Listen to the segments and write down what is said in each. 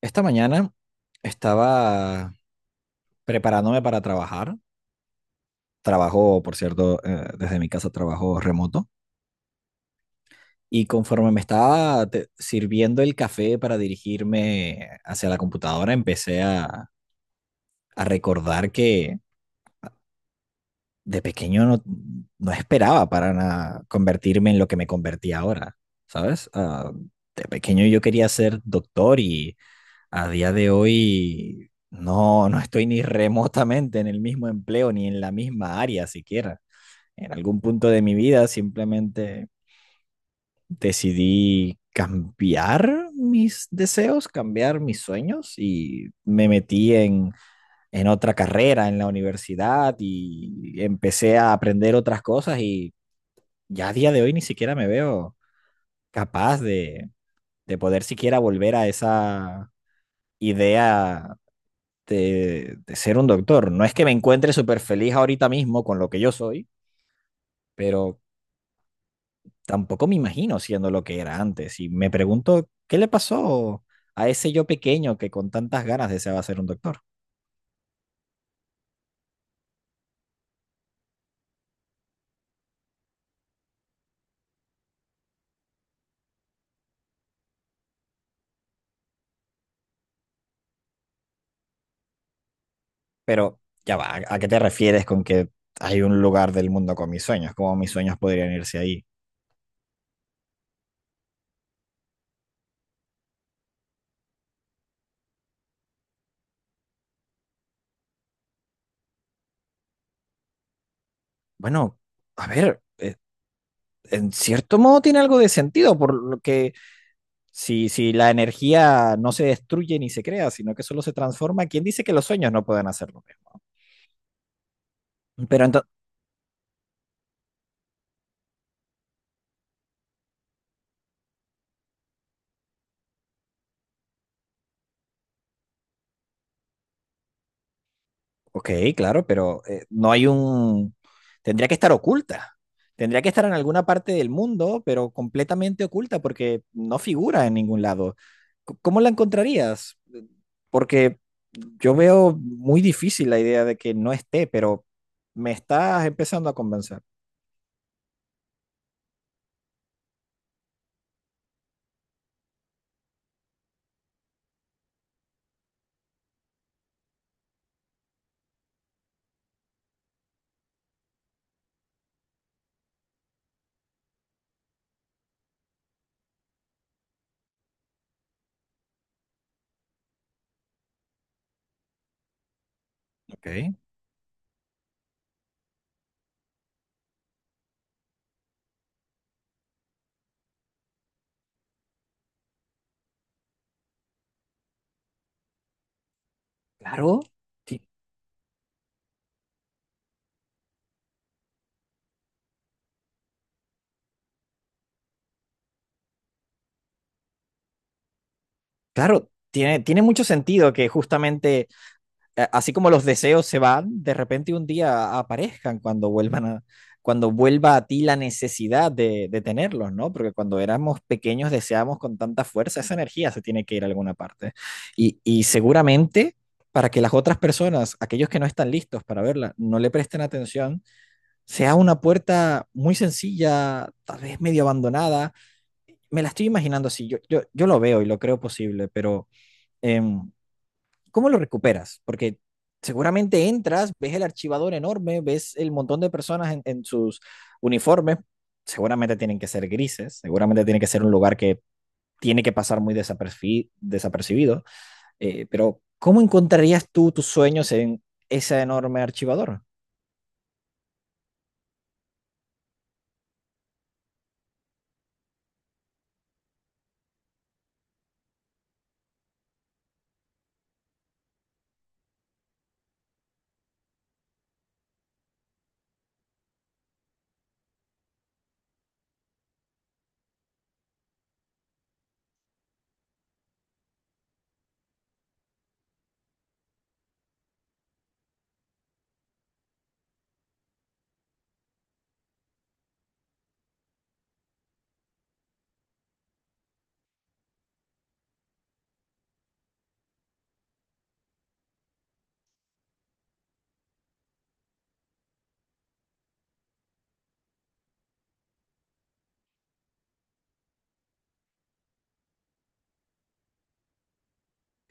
Esta mañana estaba preparándome para trabajar. Trabajo, por cierto, desde mi casa, trabajo remoto. Y conforme me estaba sirviendo el café para dirigirme hacia la computadora, empecé a recordar que de pequeño no esperaba para nada convertirme en lo que me convertí ahora, ¿sabes? De pequeño yo quería ser doctor. Y a día de hoy no estoy ni remotamente en el mismo empleo ni en la misma área siquiera. En algún punto de mi vida simplemente decidí cambiar mis deseos, cambiar mis sueños y me metí en otra carrera en la universidad y empecé a aprender otras cosas. Y ya a día de hoy ni siquiera me veo capaz de poder siquiera volver a esa idea de ser un doctor. No es que me encuentre súper feliz ahorita mismo con lo que yo soy, pero tampoco me imagino siendo lo que era antes. Y me pregunto, ¿qué le pasó a ese yo pequeño que con tantas ganas deseaba ser un doctor? Pero ya va, ¿a qué te refieres con que hay un lugar del mundo con mis sueños? ¿Cómo mis sueños podrían irse ahí? Bueno, a ver, en cierto modo tiene algo de sentido, por lo que... Si la energía no se destruye ni se crea, sino que solo se transforma, ¿quién dice que los sueños no pueden hacer lo mismo? Pero entonces, ok, claro, pero no hay un... Tendría que estar oculta. Tendría que estar en alguna parte del mundo, pero completamente oculta porque no figura en ningún lado. ¿Cómo la encontrarías? Porque yo veo muy difícil la idea de que no esté, pero me estás empezando a convencer. Ok. Claro. Sí. Claro, tiene, tiene mucho sentido que justamente, así como los deseos se van, de repente un día aparezcan cuando vuelvan cuando vuelva a ti la necesidad de tenerlos, ¿no? Porque cuando éramos pequeños deseábamos con tanta fuerza, esa energía se tiene que ir a alguna parte. Y seguramente, para que las otras personas, aquellos que no están listos para verla, no le presten atención, sea una puerta muy sencilla, tal vez medio abandonada. Me la estoy imaginando así, yo lo veo y lo creo posible, pero eh, ¿cómo lo recuperas? Porque seguramente entras, ves el archivador enorme, ves el montón de personas en sus uniformes, seguramente tienen que ser grises, seguramente tiene que ser un lugar que tiene que pasar muy desapercibido, pero ¿cómo encontrarías tú tus sueños en ese enorme archivador?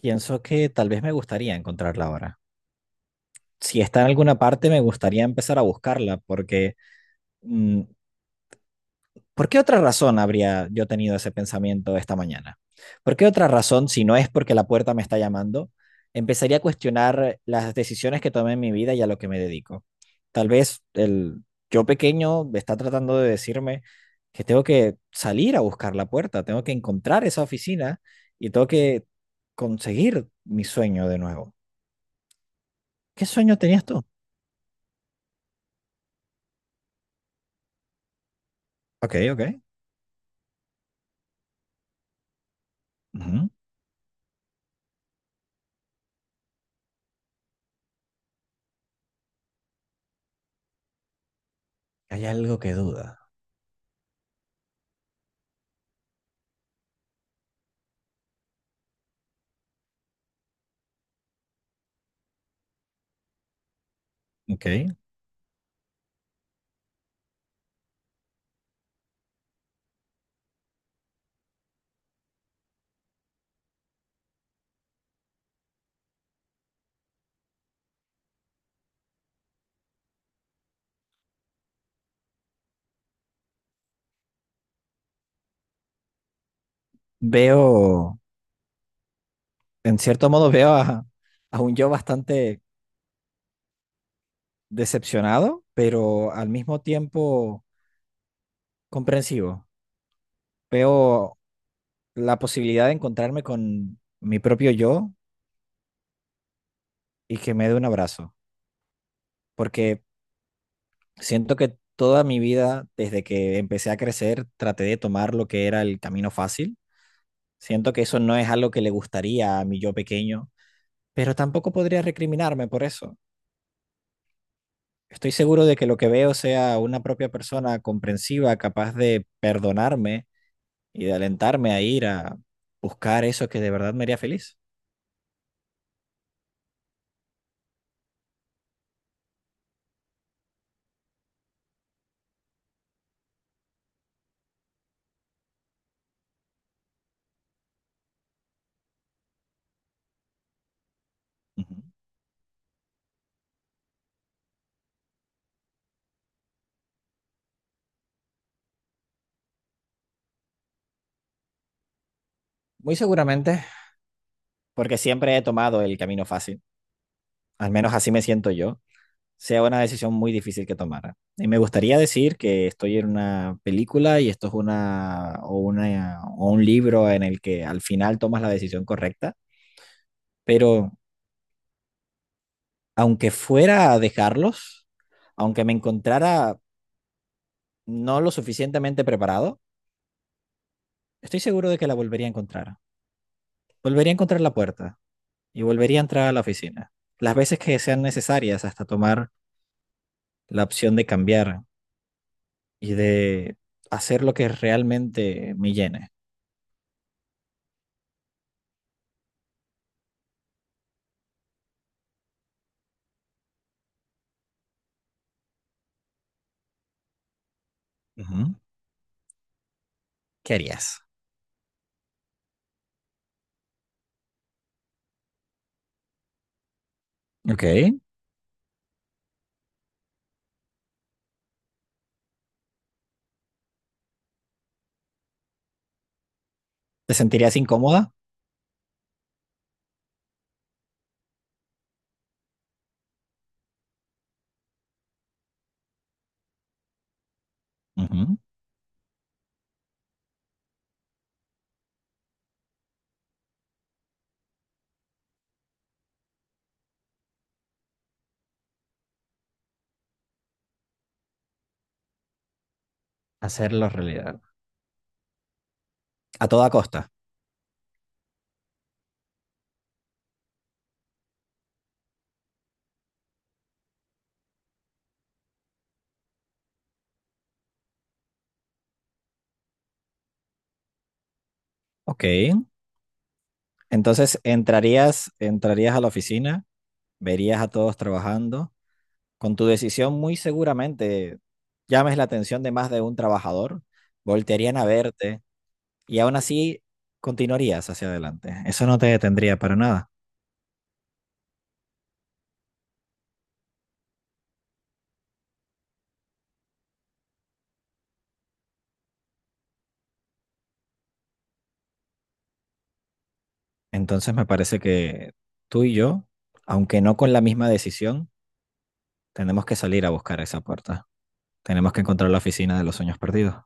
Pienso que tal vez me gustaría encontrarla ahora. Si está en alguna parte, me gustaría empezar a buscarla, porque mm, ¿por qué otra razón habría yo tenido ese pensamiento esta mañana? ¿Por qué otra razón, si no es porque la puerta me está llamando, empezaría a cuestionar las decisiones que tomé en mi vida y a lo que me dedico? Tal vez el yo pequeño está tratando de decirme que tengo que salir a buscar la puerta, tengo que encontrar esa oficina y tengo que conseguir mi sueño de nuevo. ¿Qué sueño tenías tú? Ok, ok. Ujú. Hay algo que duda. Ok. Veo... en cierto modo veo a un yo bastante decepcionado, pero al mismo tiempo comprensivo. Veo la posibilidad de encontrarme con mi propio yo y que me dé un abrazo, porque siento que toda mi vida, desde que empecé a crecer, traté de tomar lo que era el camino fácil. Siento que eso no es algo que le gustaría a mi yo pequeño, pero tampoco podría recriminarme por eso. Estoy seguro de que lo que veo sea una propia persona comprensiva, capaz de perdonarme y de alentarme a ir a buscar eso que de verdad me haría feliz. Ujú. Muy seguramente, porque siempre he tomado el camino fácil, al menos así me siento yo, sea una decisión muy difícil que tomara. Y me gustaría decir que estoy en una película y esto es una o un libro en el que al final tomas la decisión correcta, pero aunque fuera a dejarlos, aunque me encontrara no lo suficientemente preparado, estoy seguro de que la volvería a encontrar. Volvería a encontrar la puerta, y volvería a entrar a la oficina. Las veces que sean necesarias, hasta tomar la opción de cambiar y de hacer lo que realmente me llene. Ujú. ¿Qué harías? Ok. ¿Te sentirías incómoda? Ujú. Hacerlo realidad. A toda costa. Ok. Entonces entrarías, entrarías a la oficina, verías a todos trabajando. Con tu decisión muy seguramente llames la atención de más de un trabajador. Voltearían a verte, y aún así continuarías hacia adelante. Eso no te detendría para nada. Entonces me parece que tú y yo, aunque no con la misma decisión, tenemos que salir a buscar esa puerta. Tenemos que encontrar la oficina de los sueños perdidos.